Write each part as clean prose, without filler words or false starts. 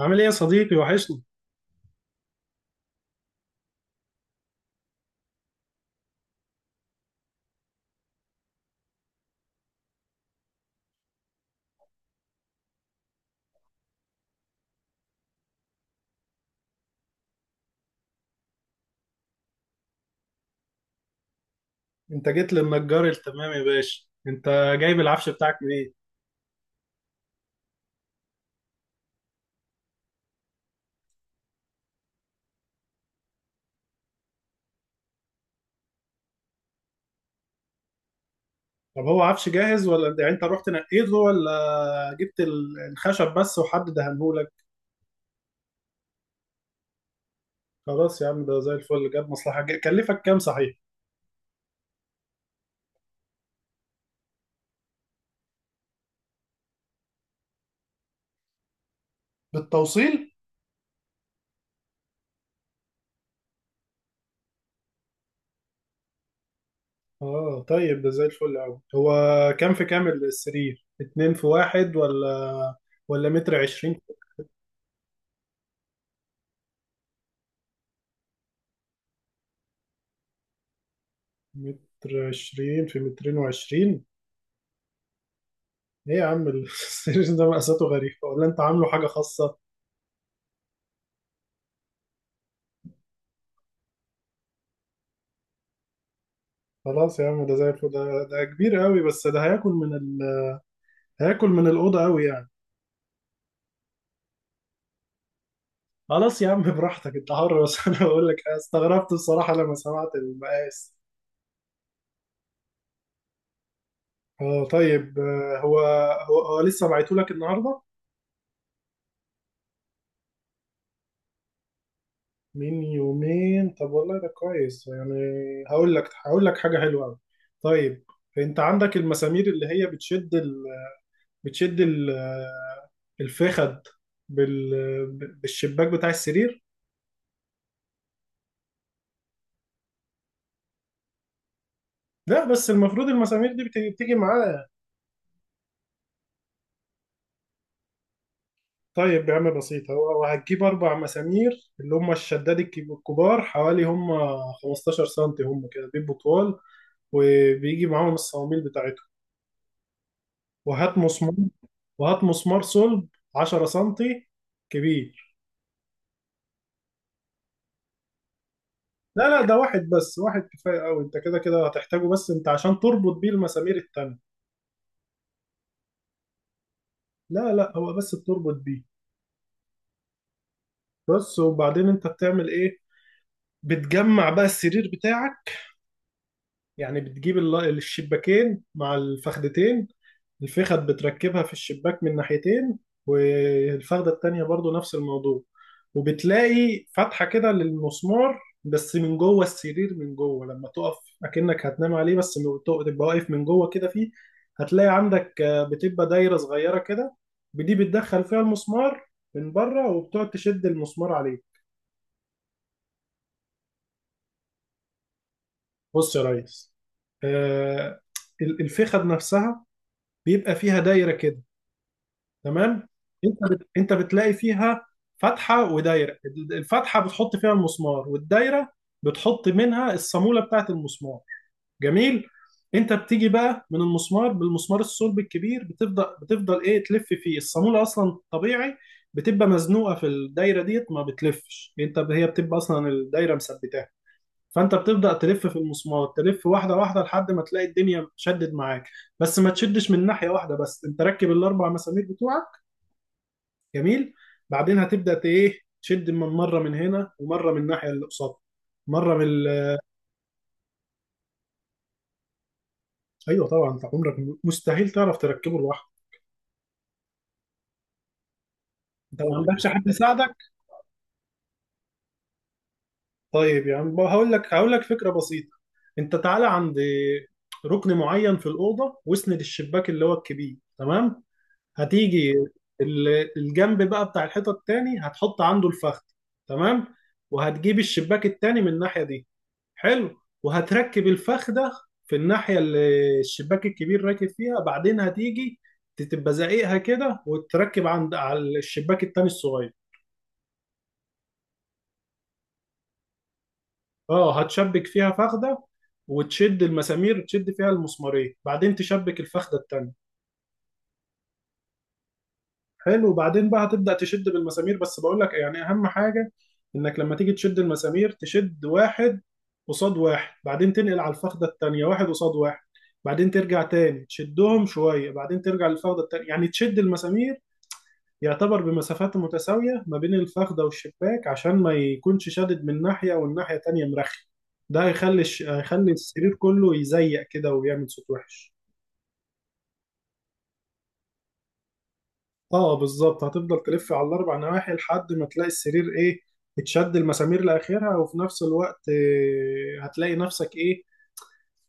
عامل ايه يا صديقي؟ وحشني. انت جيت للنجار التمام يا باشا، انت جايب العفش بتاعك منين؟ طب هو عفش جاهز ولا يعني انت رحت نقيته، ولا الخشب بس وحد دهنهولك؟ خلاص يا عم، ده زي الفل. كلفك كام صحيح؟ بالتوصيل؟ اه طيب، ده زي الفل قوي. هو كام في كام السرير، اتنين في واحد ولا متر عشرين؟ متر عشرين في مترين وعشرين؟ ايه يا عم السرير ده مقاساته غريبة ولا انت عامله حاجة خاصة؟ خلاص يا عم، ده زي الفل. ده كبير قوي، بس ده هياكل هياكل من الأوضة قوي يعني. خلاص يا عم، براحتك انت حر، بس انا بقول لك، أنا استغربت بصراحة لما سمعت المقاس. اه طيب، هو لسه بعته لك النهارده؟ من يومين؟ طب والله ده كويس يعني. هقول لك حاجة حلوة قوي. طيب، انت عندك المسامير اللي هي بتشد الفخد بالشباك بتاع السرير؟ لا بس المفروض المسامير دي بتيجي معاه. طيب يا عم بسيطة، هو هتجيب أربع مسامير اللي هم الشداد، الكبار حوالي، هم 15 سنتي، هم كده بيبقوا طوال، وبيجي معاهم الصواميل بتاعتهم. وهات مسمار، وهات مسمار صلب 10 سنتي كبير. لا لا، ده واحد بس، واحد كفاية أوي، أنت كده كده هتحتاجه، بس أنت عشان تربط بيه المسامير التانية. لا لا، هو بس بتربط بيه. بس، وبعدين أنت بتعمل إيه؟ بتجمع بقى السرير بتاعك. يعني بتجيب الشباكين مع الفخدتين. الفخد بتركبها في الشباك من ناحيتين، والفخدة التانية برضو نفس الموضوع. وبتلاقي فتحة كده للمسمار، بس من جوه السرير من جوه لما تقف. اكنك هتنام عليه، بس لما تبقى واقف من جوه كده فيه. هتلاقي عندك بتبقى دايرة صغيرة كده، دي بتدخل فيها المسمار من بره، وبتقعد تشد المسمار عليه. بص يا ريس، آه، الفخد نفسها بيبقى فيها دايرة كده. تمام؟ انت بتلاقي فيها فتحه ودايره. الفتحه بتحط فيها المسمار، والدايره بتحط منها الصاموله بتاعت المسمار. جميل. انت بتيجي بقى من المسمار، بالمسمار الصلب الكبير بتفضل تلف فيه الصاموله اصلا طبيعي. بتبقى مزنوقه في الدايره ديت، ما بتلفش. هي بتبقى اصلا الدايره مثبتاها. فانت بتبدا تلف في المسمار، تلف واحده واحده لحد ما تلاقي الدنيا شدت معاك. بس ما تشدش من ناحيه واحده بس، انت ركب الاربع مسامير بتوعك. جميل. بعدين هتبدا ت- ايه تشد من مره من هنا ومره من الناحيه اللي قصادها، مره من ال... ايوه طبعا، انت عمرك مستحيل تعرف تركبه لوحدك. انت ما صعب عندكش جدا حد يساعدك؟ طيب يعني هقول لك فكره بسيطه. انت تعالى عند ركن معين في الاوضه، واسند الشباك اللي هو الكبير. تمام؟ هتيجي الجنب بقى بتاع الحيطه التاني، هتحط عنده الفخذ. تمام. وهتجيب الشباك التاني من الناحيه دي. حلو. وهتركب الفخ ده في الناحية اللي الشباك الكبير راكب فيها. بعدين هتيجي تبقى زقيقها كده، وتركب عند على الشباك التاني الصغير. اه، هتشبك فيها فخدة، وتشد المسامير، تشد فيها المسمارين. بعدين تشبك الفخدة التانية. حلو. وبعدين بقى هتبدأ تشد بالمسامير، بس بقول لك يعني اهم حاجة: انك لما تيجي تشد المسامير، تشد واحد قصاد واحد، بعدين تنقل على الفخدة التانية واحد قصاد واحد، بعدين ترجع تاني تشدهم شوية، بعدين ترجع للفخدة التانية. يعني تشد المسامير يعتبر بمسافات متساوية ما بين الفخدة والشباك، عشان ما يكونش شادد من ناحية والناحية التانية مرخي. ده هيخلي السرير كله يزيق كده ويعمل صوت وحش. اه بالظبط، هتفضل تلف على الاربع نواحي لحد ما تلاقي السرير ايه، اتشد المسامير لاخرها. وفي نفس الوقت هتلاقي نفسك ايه،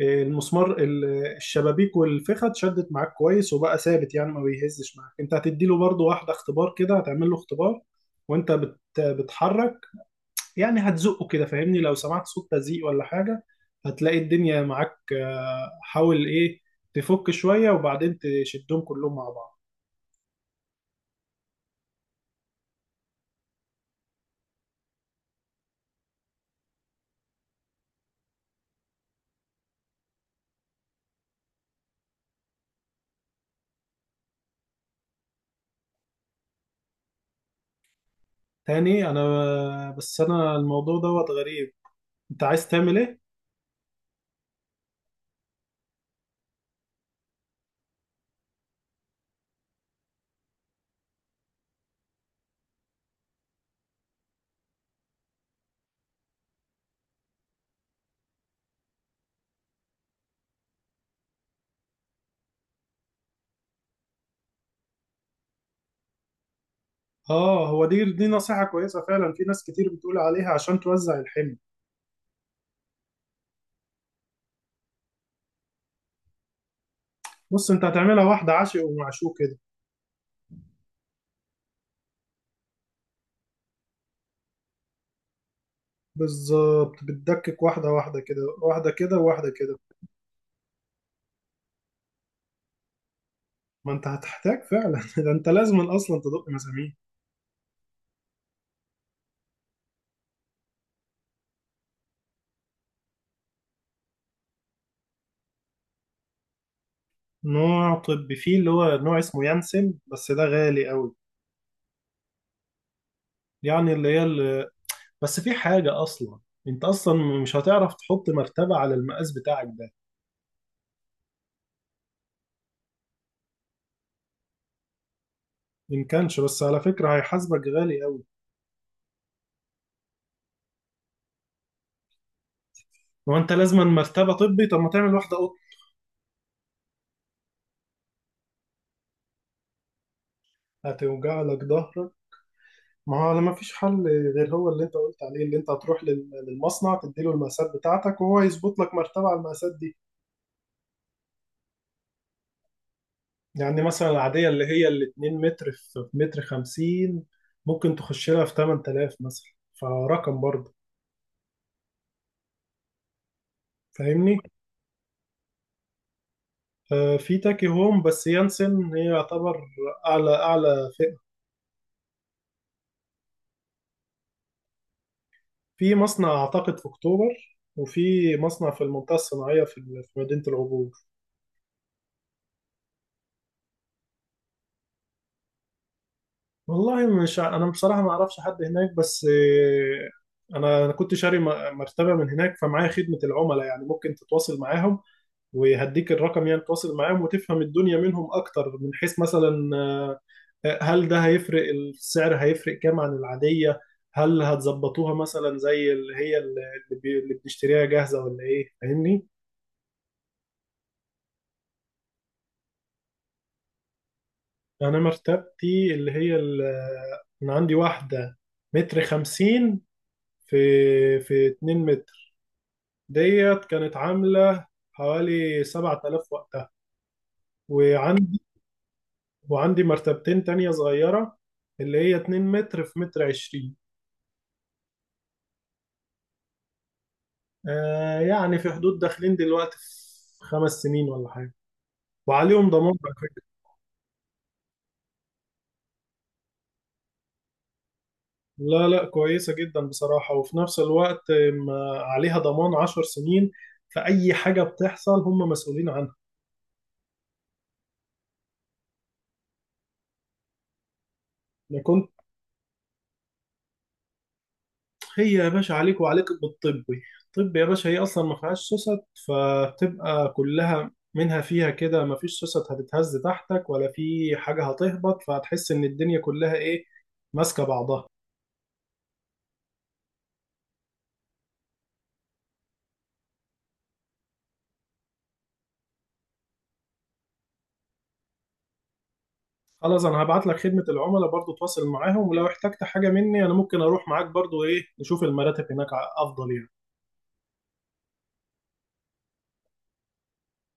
المسمار الشبابيك والفخة اتشدت معاك كويس، وبقى ثابت، يعني ما بيهزش معاك. انت هتديله برضو واحدة اختبار كده، هتعمل له اختبار. وانت بتحرك، يعني هتزقه كده فاهمني. لو سمعت صوت تزيق ولا حاجة، هتلاقي الدنيا معاك. حاول ايه تفك شوية، وبعدين تشدهم كلهم مع بعض. تاني؟ انا بس انا الموضوع دوت غريب، انت عايز تعمل ايه؟ اه، هو دي نصيحة كويسة فعلا، في ناس كتير بتقول عليها عشان توزع الحمل. بص، انت هتعملها واحدة عشق ومعشوق كده. بالظبط، بتدكك واحدة واحدة كده، واحدة كده وواحدة كده. ما انت هتحتاج فعلا ده انت لازم اصلا تدق مسامير. نوع طبي فيه، اللي هو نوع اسمه يانسن، بس ده غالي قوي. يعني اللي هي اللي... بس في حاجة اصلا، انت اصلا مش هتعرف تحط مرتبة على المقاس بتاعك ده. إن كانش، بس على فكرة هيحاسبك غالي قوي. هو أنت لازما مرتبة طبي؟ طب ما تعمل واحدة قط. هتوجع لك ظهرك؟ ما هو ما فيش حل غير هو اللي أنت قلت عليه، اللي أنت هتروح للمصنع تديله المقاسات بتاعتك وهو يظبط لك مرتبة على المقاسات دي. يعني مثلا العادية اللي هي ال 2 متر في متر 50، ممكن تخش لها في 8000 مثلا، فرقم برضه. فاهمني؟ في تاكي هوم، بس يانسن هي يعتبر أعلى أعلى. في مصنع أعتقد في أكتوبر، وفي مصنع في المنطقة الصناعية في مدينة العبور. والله مش أنا بصراحة ما أعرفش حد هناك، بس أنا كنت شاري مرتبة من هناك، فمعايا خدمة العملاء، يعني ممكن تتواصل معاهم وهديك الرقم. يعني تتواصل معاهم وتفهم الدنيا منهم أكتر، من حيث مثلا هل ده هيفرق السعر؟ هيفرق كام عن العادية؟ هل هتظبطوها مثلا زي اللي هي اللي بي- اللي بنشتريها جاهزة، ولا إيه فاهمني؟ انا مرتبتي اللي هي انا عندي واحده متر خمسين في في 2 متر، ديت كانت عامله حوالي 7000 وقتها. وعندي وعندي مرتبتين تانية صغيرة، اللي هي 2 متر في متر عشرين. آه يعني في حدود داخلين دلوقتي في 5 سنين ولا حاجة، وعليهم ضمان على فكرة. لا لا، كويسة جدا بصراحة. وفي نفس الوقت، ما عليها ضمان 10 سنين، فأي حاجة بتحصل هم مسؤولين عنها. انا كنت، هي يا باشا عليك، وعليك بالطبي. الطب يا باشا هي اصلا ما فيهاش سوست، فبتبقى كلها منها فيها كده، ما فيش سوست هتتهز تحتك ولا في حاجه هتهبط، فهتحس ان الدنيا كلها ايه، ماسكه بعضها. خلاص، انا هبعت لك خدمه العملاء برضو، تواصل معاهم. ولو احتجت حاجه مني، انا ممكن اروح معاك برضو ايه نشوف المراتب هناك افضل يعني.